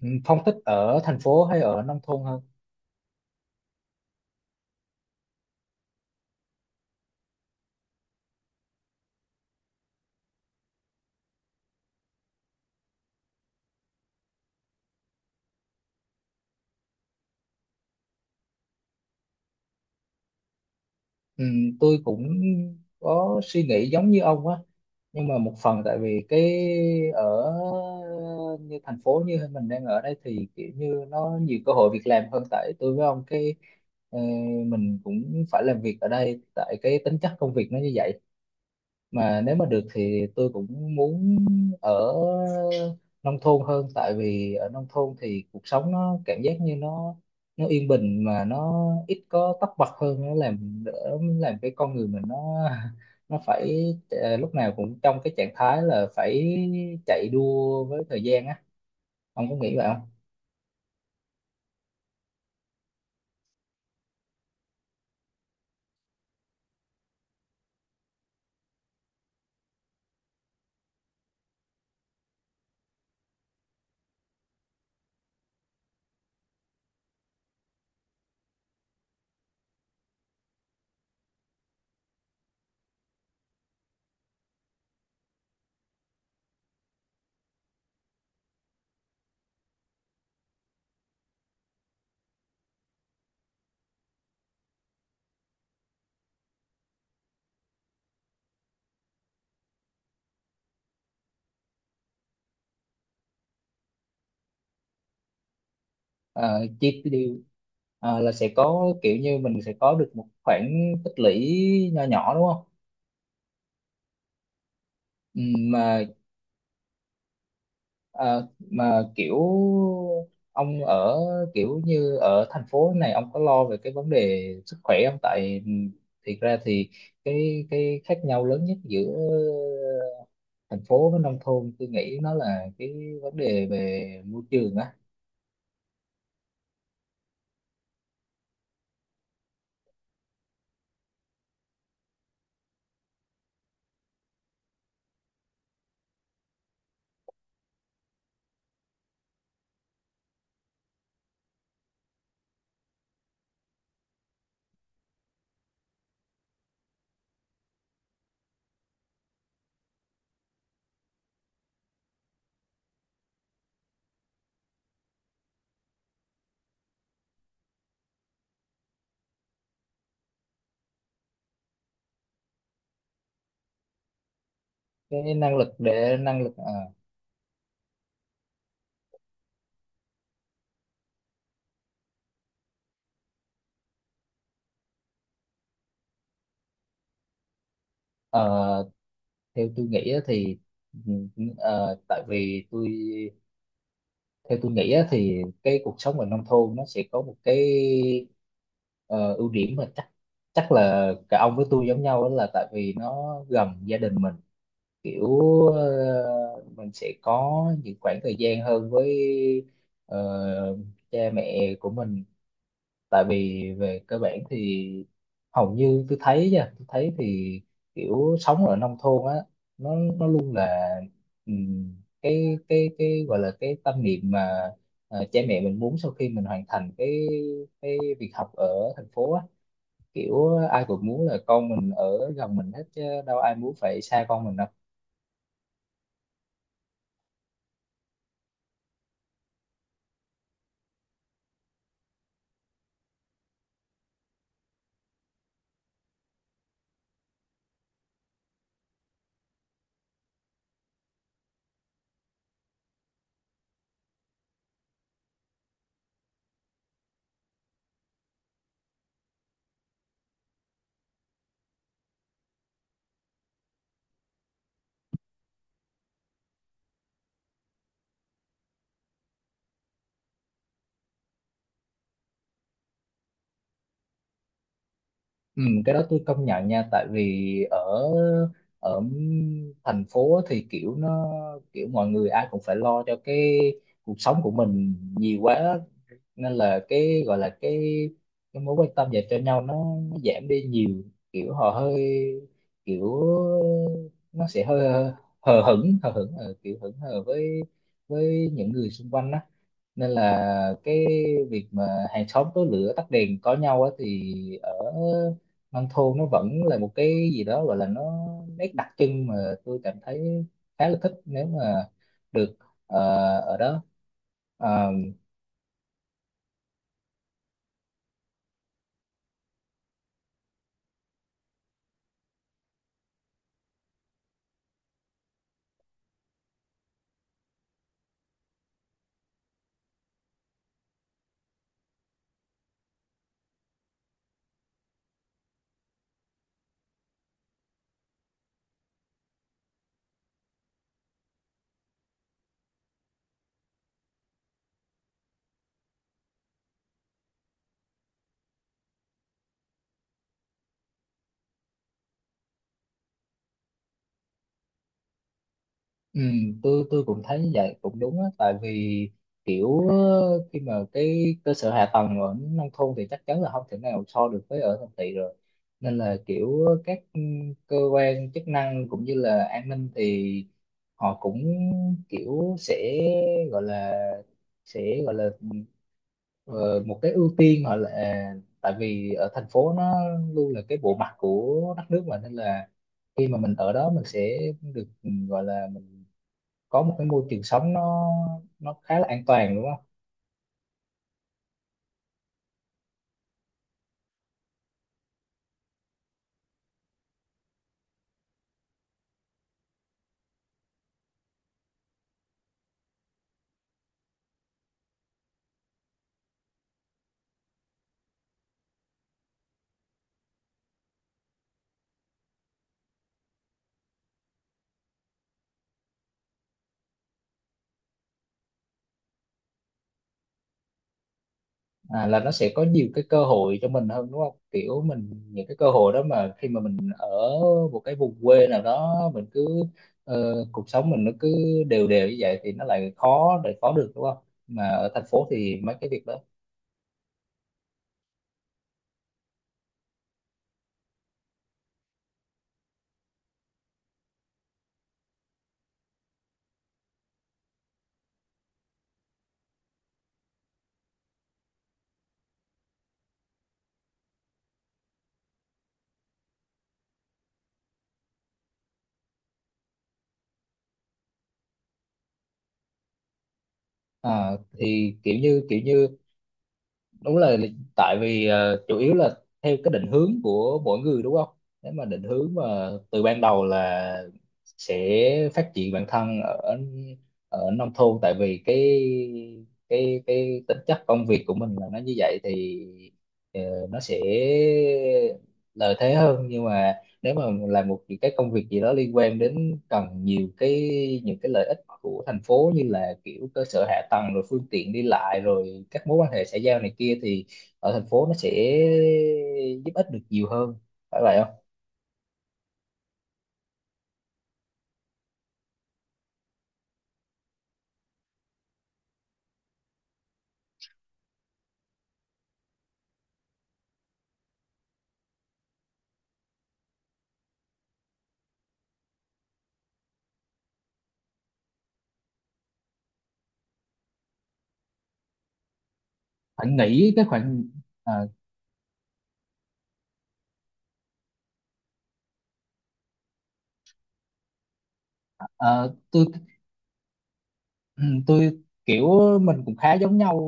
Ừ, Phong thích ở thành phố hay ở nông thôn hơn? Ừ, tôi cũng có suy nghĩ giống như ông á, nhưng mà một phần tại vì cái ở như thành phố như mình đang ở đây thì kiểu như nó nhiều cơ hội việc làm hơn tại tôi với ông ờ, mình cũng phải làm việc ở đây tại cái tính chất công việc nó như vậy, mà nếu mà được thì tôi cũng muốn ở nông thôn hơn, tại vì ở nông thôn thì cuộc sống nó cảm giác như nó yên bình, mà nó có tấp bật hơn, nó làm đỡ làm cái con người mình nó phải lúc nào cũng trong cái trạng thái là phải chạy đua với thời gian á. Ông có nghĩ vậy không? Ờ, chi tiêu, là sẽ có kiểu như mình sẽ có được một khoản tích lũy nho nhỏ, đúng không? Ừ, mà ờ, mà kiểu ông ở, kiểu như ở thành phố này ông có lo về cái vấn đề sức khỏe không? Tại thiệt ra thì cái khác nhau lớn nhất giữa thành phố với nông thôn tôi nghĩ nó là cái vấn đề về môi trường á, cái năng lực để năng lực ờ, theo tôi nghĩ á thì tại vì tôi theo tôi nghĩ á, thì cái cuộc sống ở nông thôn nó sẽ có một ưu điểm mà chắc chắc là cả ông với tôi giống nhau, đó là tại vì nó gần gia đình mình, kiểu ờ, mình sẽ có những khoảng thời gian hơn với ờ, cha mẹ của mình. Tại vì về cơ bản thì hầu như tôi thấy nha, tôi thấy thì kiểu sống ở nông thôn á, nó nó luôn là ừm, cái gọi là cái tâm niệm mà cha mẹ mình muốn, sau khi mình hoàn thành cái việc học ở thành phố á, kiểu ai cũng muốn là con mình ở gần mình hết chứ đâu ai muốn phải xa con mình đâu. Ừ, cái đó tôi công nhận nha, tại vì ở ở thành phố thì kiểu nó, kiểu mọi người ai cũng phải lo cho cái cuộc sống của mình nhiều quá, nên là cái gọi là cái mối quan tâm dành cho nhau nó giảm đi nhiều, kiểu họ hơi, kiểu nó sẽ hơi kiểu hững hờ với những người xung quanh đó. Nên là cái việc mà hàng xóm tối lửa tắt đèn có nhau á, thì ở nông thôn nó vẫn là một cái gì đó gọi là nó nét đặc trưng, mà tôi cảm thấy khá là thích nếu mà được ờ, ở đó. Ờ, ừ, tôi cũng thấy như vậy cũng đúng á, tại vì kiểu khi mà cái cơ sở hạ tầng ở nông thôn thì chắc chắn là không thể nào so được với ở thành thị rồi, nên là kiểu các ừ, cơ quan chức năng cũng như là an ninh thì họ cũng kiểu sẽ gọi là gọi là ờ, một cái ưu tiên họ, là tại vì ở thành phố nó luôn là cái bộ mặt của đất nước mà, nên là khi mà mình ở đó mình sẽ được ừ, gọi là mình có một cái môi trường sống nó khá là an toàn đúng không? À, là nó sẽ có nhiều cái cơ hội cho mình hơn đúng không, kiểu mình những cái cơ hội đó mà khi mà mình ở một cái vùng quê nào đó mình cứ cuộc sống mình nó cứ đều đều như vậy thì nó lại khó để có được đúng không, mà ở thành phố thì mấy cái việc đó à, thì kiểu như đúng là, tại vì chủ yếu là theo cái định hướng của mỗi người đúng không. Nếu mà định hướng mà từ ban đầu là sẽ phát triển bản thân ở ở nông thôn, tại vì cái tính chất công việc của mình là nó như vậy thì ờ, nó sẽ lợi thế hơn, nhưng mà nếu mà làm một cái công việc gì đó liên quan đến cần nhiều cái, những cái lợi ích của thành phố như là kiểu cơ sở hạ tầng rồi phương tiện đi lại rồi các mối quan hệ xã giao này kia, thì ở thành phố nó sẽ giúp ích được nhiều hơn, phải vậy không? Anh nghĩ cái khoản à, à, tôi ừ, tôi kiểu mình cũng khá giống nhau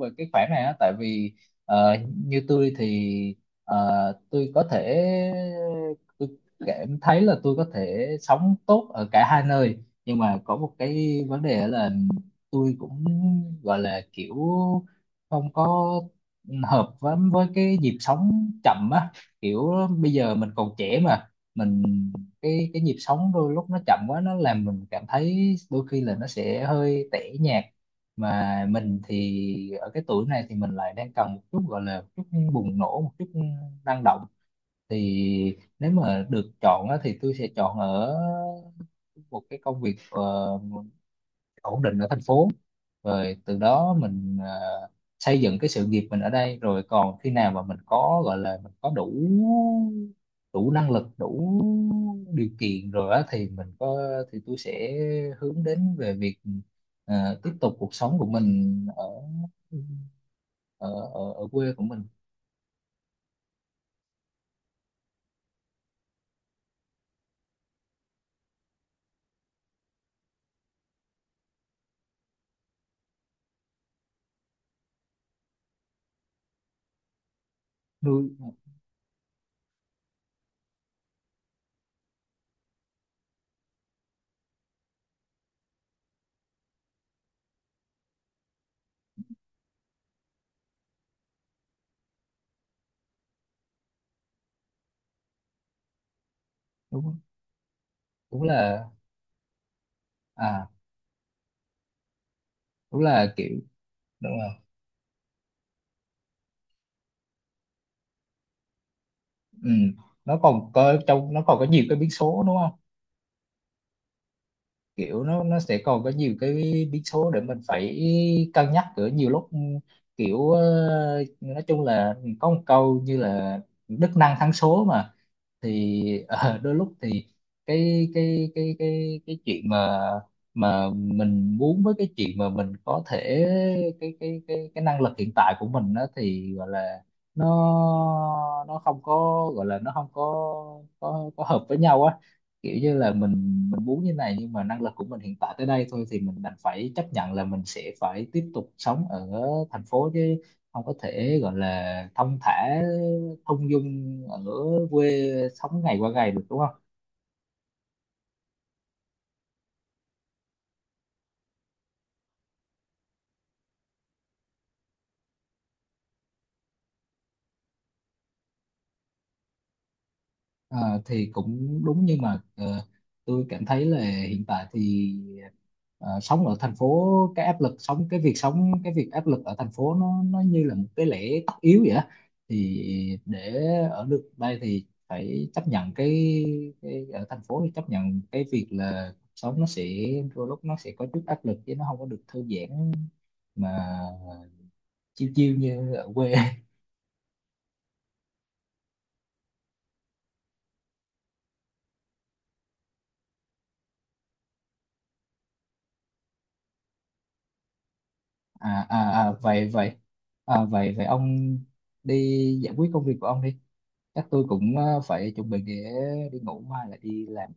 về cái khoản này á, tại vì như tôi thì ờ, tôi có thể, tôi cảm thấy là tôi có thể sống tốt ở cả hai nơi, nhưng mà có một cái vấn đề là tôi cũng gọi là kiểu không có hợp với cái nhịp sống chậm á, kiểu bây giờ mình còn trẻ mà, mình cái nhịp sống đôi lúc nó chậm quá nó làm mình cảm thấy đôi khi là nó sẽ hơi tẻ nhạt, mà mình thì ở cái tuổi này thì mình lại đang cần một chút, gọi là một chút bùng nổ, một chút năng động. Thì nếu mà được chọn á, thì tôi sẽ chọn ở một cái công việc ổn định ở thành phố, rồi từ đó mình xây dựng cái sự nghiệp mình ở đây, rồi còn khi nào mà mình có, gọi là mình có đủ, đủ năng lực đủ điều kiện rồi á thì mình có thì tôi sẽ hướng đến về việc tiếp tục cuộc sống của mình ở quê của mình. Nuôi đúng, đúng là à, đúng là kiểu, đúng là ừ. Nó còn có nó còn có nhiều cái biến số đúng không, kiểu nó sẽ còn có nhiều cái biến số để mình phải cân nhắc ở nhiều lúc. Kiểu nói chung là có một câu như là đức năng thắng số mà, thì ờ, đôi lúc thì cái chuyện mà mình muốn với cái chuyện mà mình có thể, cái năng lực hiện tại của mình đó, thì gọi là nó nó không có gọi là nó không có hợp với nhau á, kiểu như là mình muốn như này, nhưng mà năng lực của mình hiện tại tới đây thôi thì mình đành phải chấp nhận là mình sẽ phải tiếp tục sống ở thành phố, chứ không có thể gọi là thong thả thong dong ở quê sống ngày qua ngày được đúng không. Ờ, thì cũng đúng nhưng mà tôi cảm thấy là hiện tại thì sống ở thành phố, cái áp lực sống, cái việc sống cái việc áp lực ở thành phố nó như là một cái lẽ tất yếu vậy á. Thì để ở được đây thì phải chấp nhận cái ở thành phố thì chấp nhận cái việc là cuộc sống nó sẽ đôi lúc nó sẽ có chút áp lực chứ nó không có được thư giãn mà chiêu chiêu như ở quê. à, à, à vậy vậy vậy vậy ông đi giải quyết công việc của ông đi, chắc tôi cũng ờ, phải chuẩn bị để đi ngủ mai lại đi làm.